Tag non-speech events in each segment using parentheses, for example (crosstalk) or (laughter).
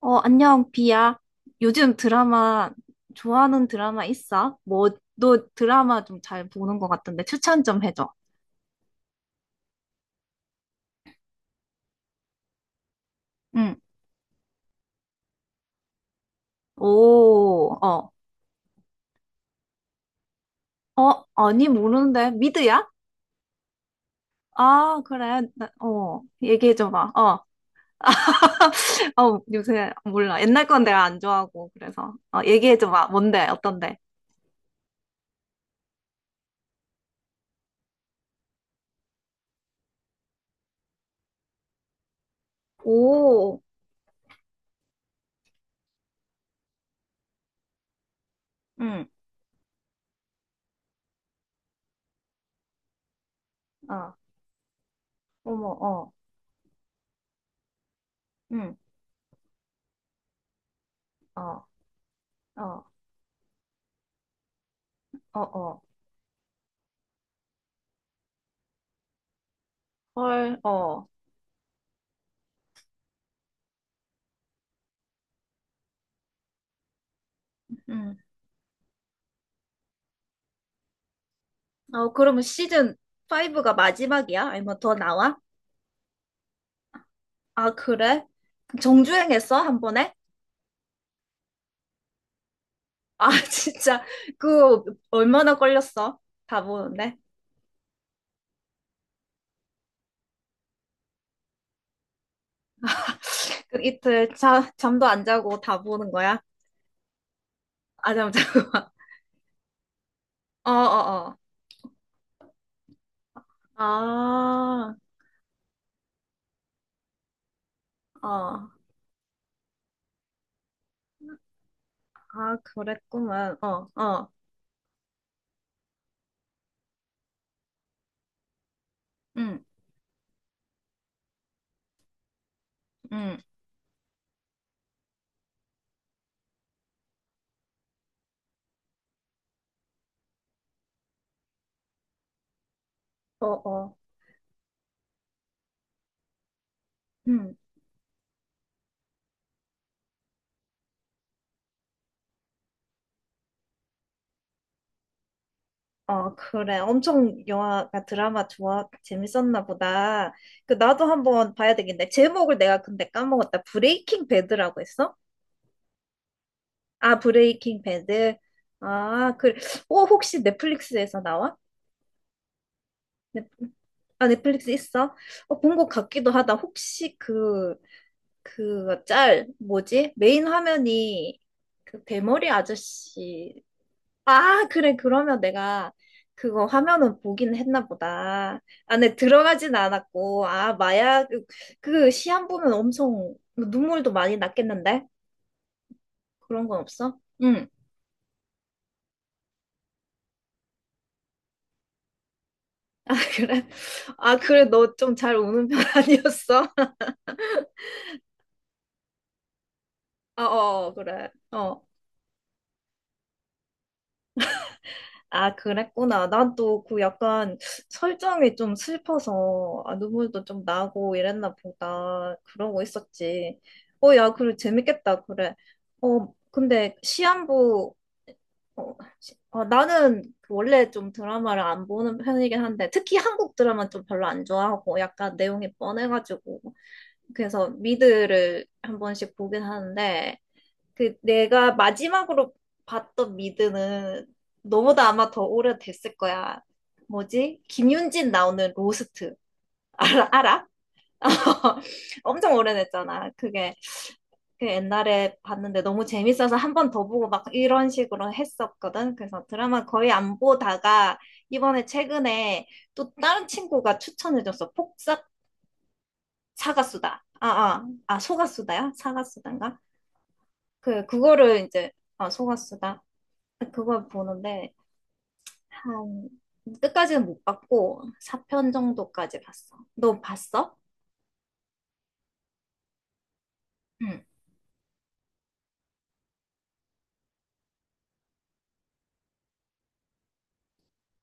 안녕, 비야. 요즘 드라마, 좋아하는 드라마 있어? 뭐, 너 드라마 좀 잘 보는 것 같던데, 추천 좀 해줘. 응. 오, 어. 아니, 모르는데. 미드야? 아, 그래. 얘기해줘봐. 어, (laughs) 요새 몰라. 옛날 건 내가 안 좋아하고, 그래서. 얘기해줘봐. 뭔데? 어떤데? 오, 응, 어, 어머, 어, 응, 어, 어, 어, 어. 헐, 어. 어, 그러면 시즌 5가 마지막이야? 아니면 더 나와? 아, 그래? 정주행했어? 한 번에? 아, (laughs) 진짜. 그, 얼마나 걸렸어? 다 보는데. (laughs) 그 이틀 잠도 안 자고 다 보는 거야? 아, 잠, 자고 (laughs) 어, 어, 어. 아, 어. 아, 그랬구만. 어, 어. 응, 응. 어, 어. 응. 어, 그래. 엄청 영화가 드라마 좋아, 재밌었나 보다. 그, 나도 한번 봐야 되겠네. 제목을 내가 근데 까먹었다. 브레이킹 배드라고 했어? 아, 브레이킹 배드. 아, 그래. 어, 혹시 넷플릭스에서 나와? 넷, 아, 넷플릭스 있어? 어, 본 것 같기도 하다. 혹시 그, 그 짤, 뭐지? 메인 화면이 그 대머리 아저씨 아, 그래. 그러면 내가 그거 화면은 보긴 했나 보다. 안에 들어가진 않았고, 아, 마약, 그 시한 보면 엄청 눈물도 많이 났겠는데? 그런 건 없어? 응. (laughs) 아, 그래? 아, 그래. 너 좀 잘 우는 편 아니었어? (laughs) 어, 어, 그래. 어. 아, 그랬구나. 난 또 그 약간 설정이 좀 슬퍼서 아, 눈물도 좀 나고 이랬나 보다. 그러고 있었지. 어, 야, 그래, 재밌겠다. 그래. 어, 근데 시한부, 나는 그 원래 좀 드라마를 안 보는 편이긴 한데, 특히 한국 드라마 좀 별로 안 좋아하고, 약간 내용이 뻔해가지고. 그래서 미드를 한 번씩 보긴 하는데, 그 내가 마지막으로 봤던 미드는 너보다 아마 더 오래됐을 거야. 뭐지? 김윤진 나오는 로스트. 알아? 알아? (laughs) 엄청 오래됐잖아. 그게 그 옛날에 봤는데 너무 재밌어서 한 번 더 보고 막 이런 식으로 했었거든. 그래서 드라마 거의 안 보다가 이번에 최근에 또 다른 친구가 추천해줬어. 폭삭 사가수다. 아, 아, 아, 소가수다야? 사가수단가? 그, 그거를 이제, 아, 소가수다. 그걸 보는데 한 끝까지는 못 봤고 4편 정도까지 봤어. 너 봤어? 응.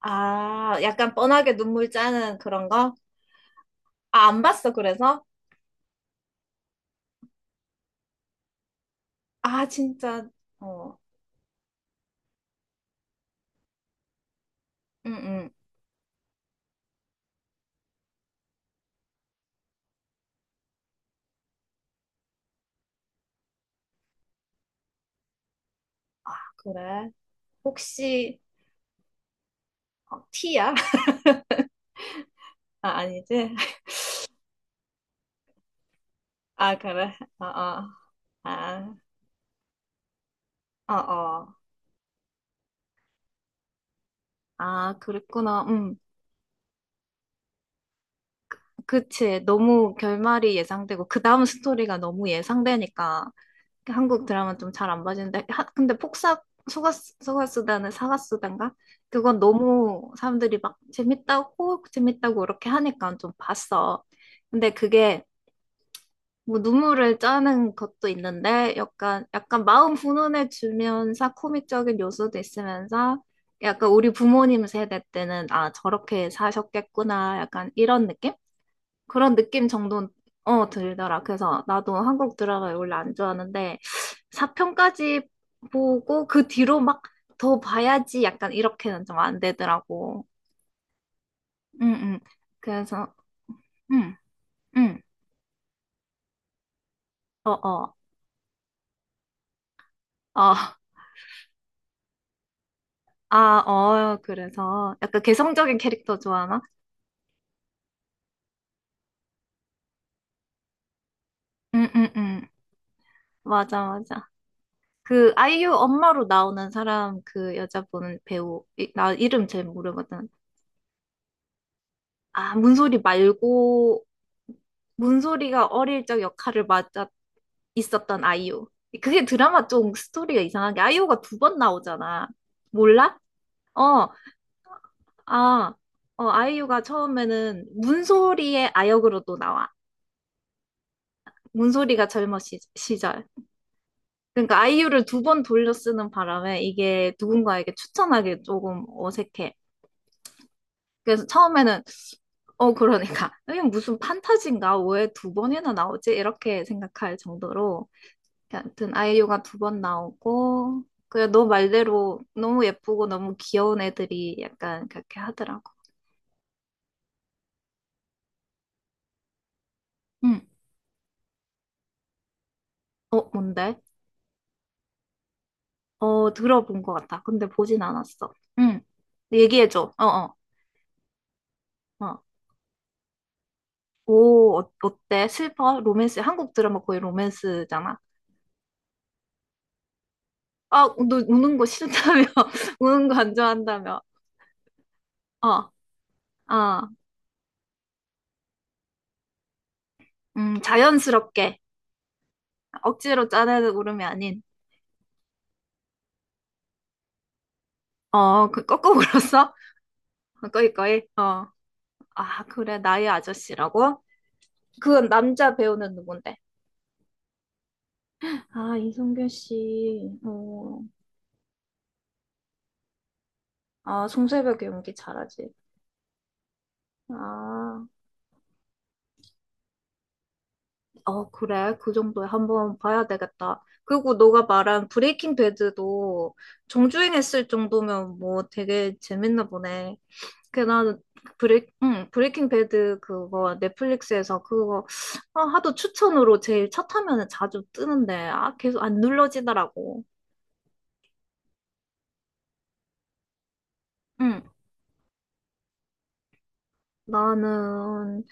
아, 약간 뻔하게 눈물 짜는 그런 거? 아, 안 봤어, 그래서? 아, 진짜. 어, 응, 응. 그래. 혹시 어, 티야 (laughs) 아, 아니지? 아, 그래. 어, 어. 아, 어, 어. 아, 그랬구나. 음. 그치. 너무 결말이 예상되고, 그 다음 스토리가 너무 예상되니까 한국 드라마 좀 잘 안 봐지는데. 하- 근데 폭삭, 소가스, 소가다는 사가수단가 그건 너무 사람들이 막 재밌다고, 재밌다고 이렇게 하니까 좀 봤어. 근데 그게 뭐 눈물을 짜는 것도 있는데, 약간, 약간 마음 훈훈해지면서 코믹적인 요소도 있으면서, 약간 우리 부모님 세대 때는 아, 저렇게 사셨겠구나. 약간 이런 느낌? 그런 느낌 정도 어 들더라. 그래서 나도 한국 드라마 원래 안 좋아하는데 4편까지 보고 그 뒤로 막 더 봐야지 약간 이렇게는 좀 안 되더라고. 응응. 그래서 응응. 어어. 어. 어. 어. 아, 어. 그래서 약간 개성적인 캐릭터 좋아하나? 응응응. 맞아 맞아. 그 아이유 엄마로 나오는 사람 그 여자분 배우 이- 나 이름 잘 모르거든. 아, 문소리 말고, 문소리가 어릴 적 역할을 맡아 있었던 아이유. 그게 드라마 좀 스토리가 이상한 게 아이유가 두 번 나오잖아. 몰라? 어, 아, 어, 아이유가 처음에는 문소리의 아역으로도 나와. 문소리가 젊은 시절. 그러니까 아이유를 두 번 돌려 쓰는 바람에 이게 누군가에게 추천하기 조금 어색해. 그래서 처음에는 어 그러니까 (laughs) 이게 무슨 판타지인가 왜 두 번이나 나오지? 이렇게 생각할 정도로 하여튼 아이유가 두 번 나오고 그냥 너 말대로 너무 예쁘고 너무 귀여운 애들이 약간 그렇게 하더라고. 응. 어 뭔데? 어 들어본 것 같아. 근데 보진 않았어. 응. 얘기해줘. 어 어. 어. 오 어, 어때? 슬퍼? 로맨스 한국 드라마 거의 로맨스잖아. 아 너 우는 거 싫다며? (laughs) 우는 거 안 좋아한다며? 어. 어. 자연스럽게 억지로 짜내는 울음이 아닌 어, 그 꺾어 울었어? (laughs) 꺼이 꺼이. 어. 아, 그래. 나의 아저씨라고? 그건 남자 배우는 누군데? 아, 이성균 씨. 어. 아, 송새벽 연기 잘하지. 아. 어, 그래. 그 정도에 한번 봐야 되겠다. 그리고 너가 말한 브레이킹 배드도 정주행했을 정도면 뭐 되게 재밌나 보네. 그 나는 브레이킹 배드 그거 넷플릭스에서 그거 아, 하도 추천으로 제일 첫 화면에 자주 뜨는데 아, 계속 안 눌러지더라고. 응. 나는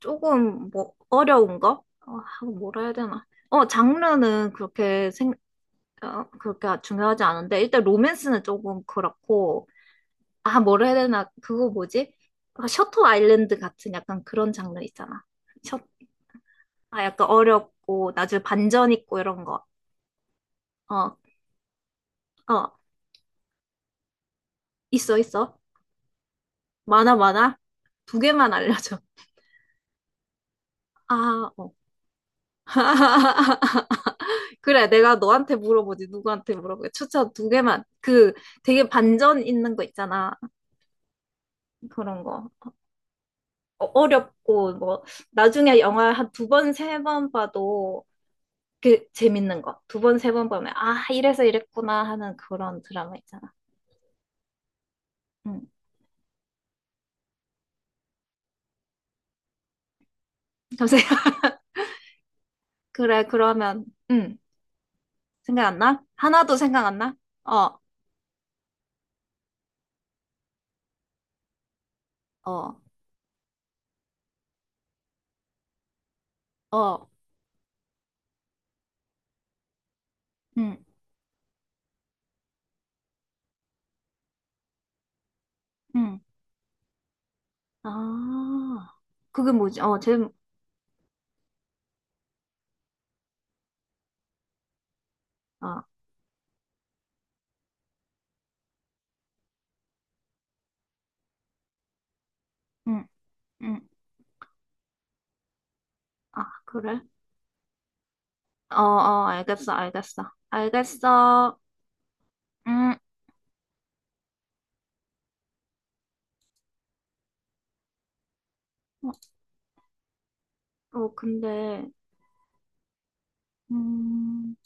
조금 뭐 어려운 거? 아, 뭐라 해야 되나? 어, 장르는 그렇게 생각 어, 그렇게 중요하지 않은데 일단 로맨스는 조금 그렇고 아 뭐라 해야 되나 그거 뭐지? 약간 셔터 아일랜드 같은 약간 그런 장르 있잖아. 셔, 아 약간 어렵고 나중에 반전 있고 이런 거. 어, 어, 있어 있어. 많아 많아. 두 개만 알려줘. 아, 어. (laughs) 그래, 내가 너한테 물어보지, 누구한테 물어보게. 추천 두 개만. 그 되게 반전 있는 거 있잖아. 그런 거. 어- 어렵고 뭐 나중에 영화 한 두 번, 세 번 봐도 그 재밌는 거. 두 번, 세 번 보면 아, 이래서 이랬구나 하는 그런 드라마 있잖아. 응. 감사해요. (laughs) 그래, 그러면 응. 생각 안 나? 하나도 생각 안 나? 어, 어, 어. 응, 응. 아. 그게 뭐지? 어, 제 아. 응, 응. 아, 그래? 어, 어, 알겠어. 알겠어. 알겠어. 음. 어, 근데 음.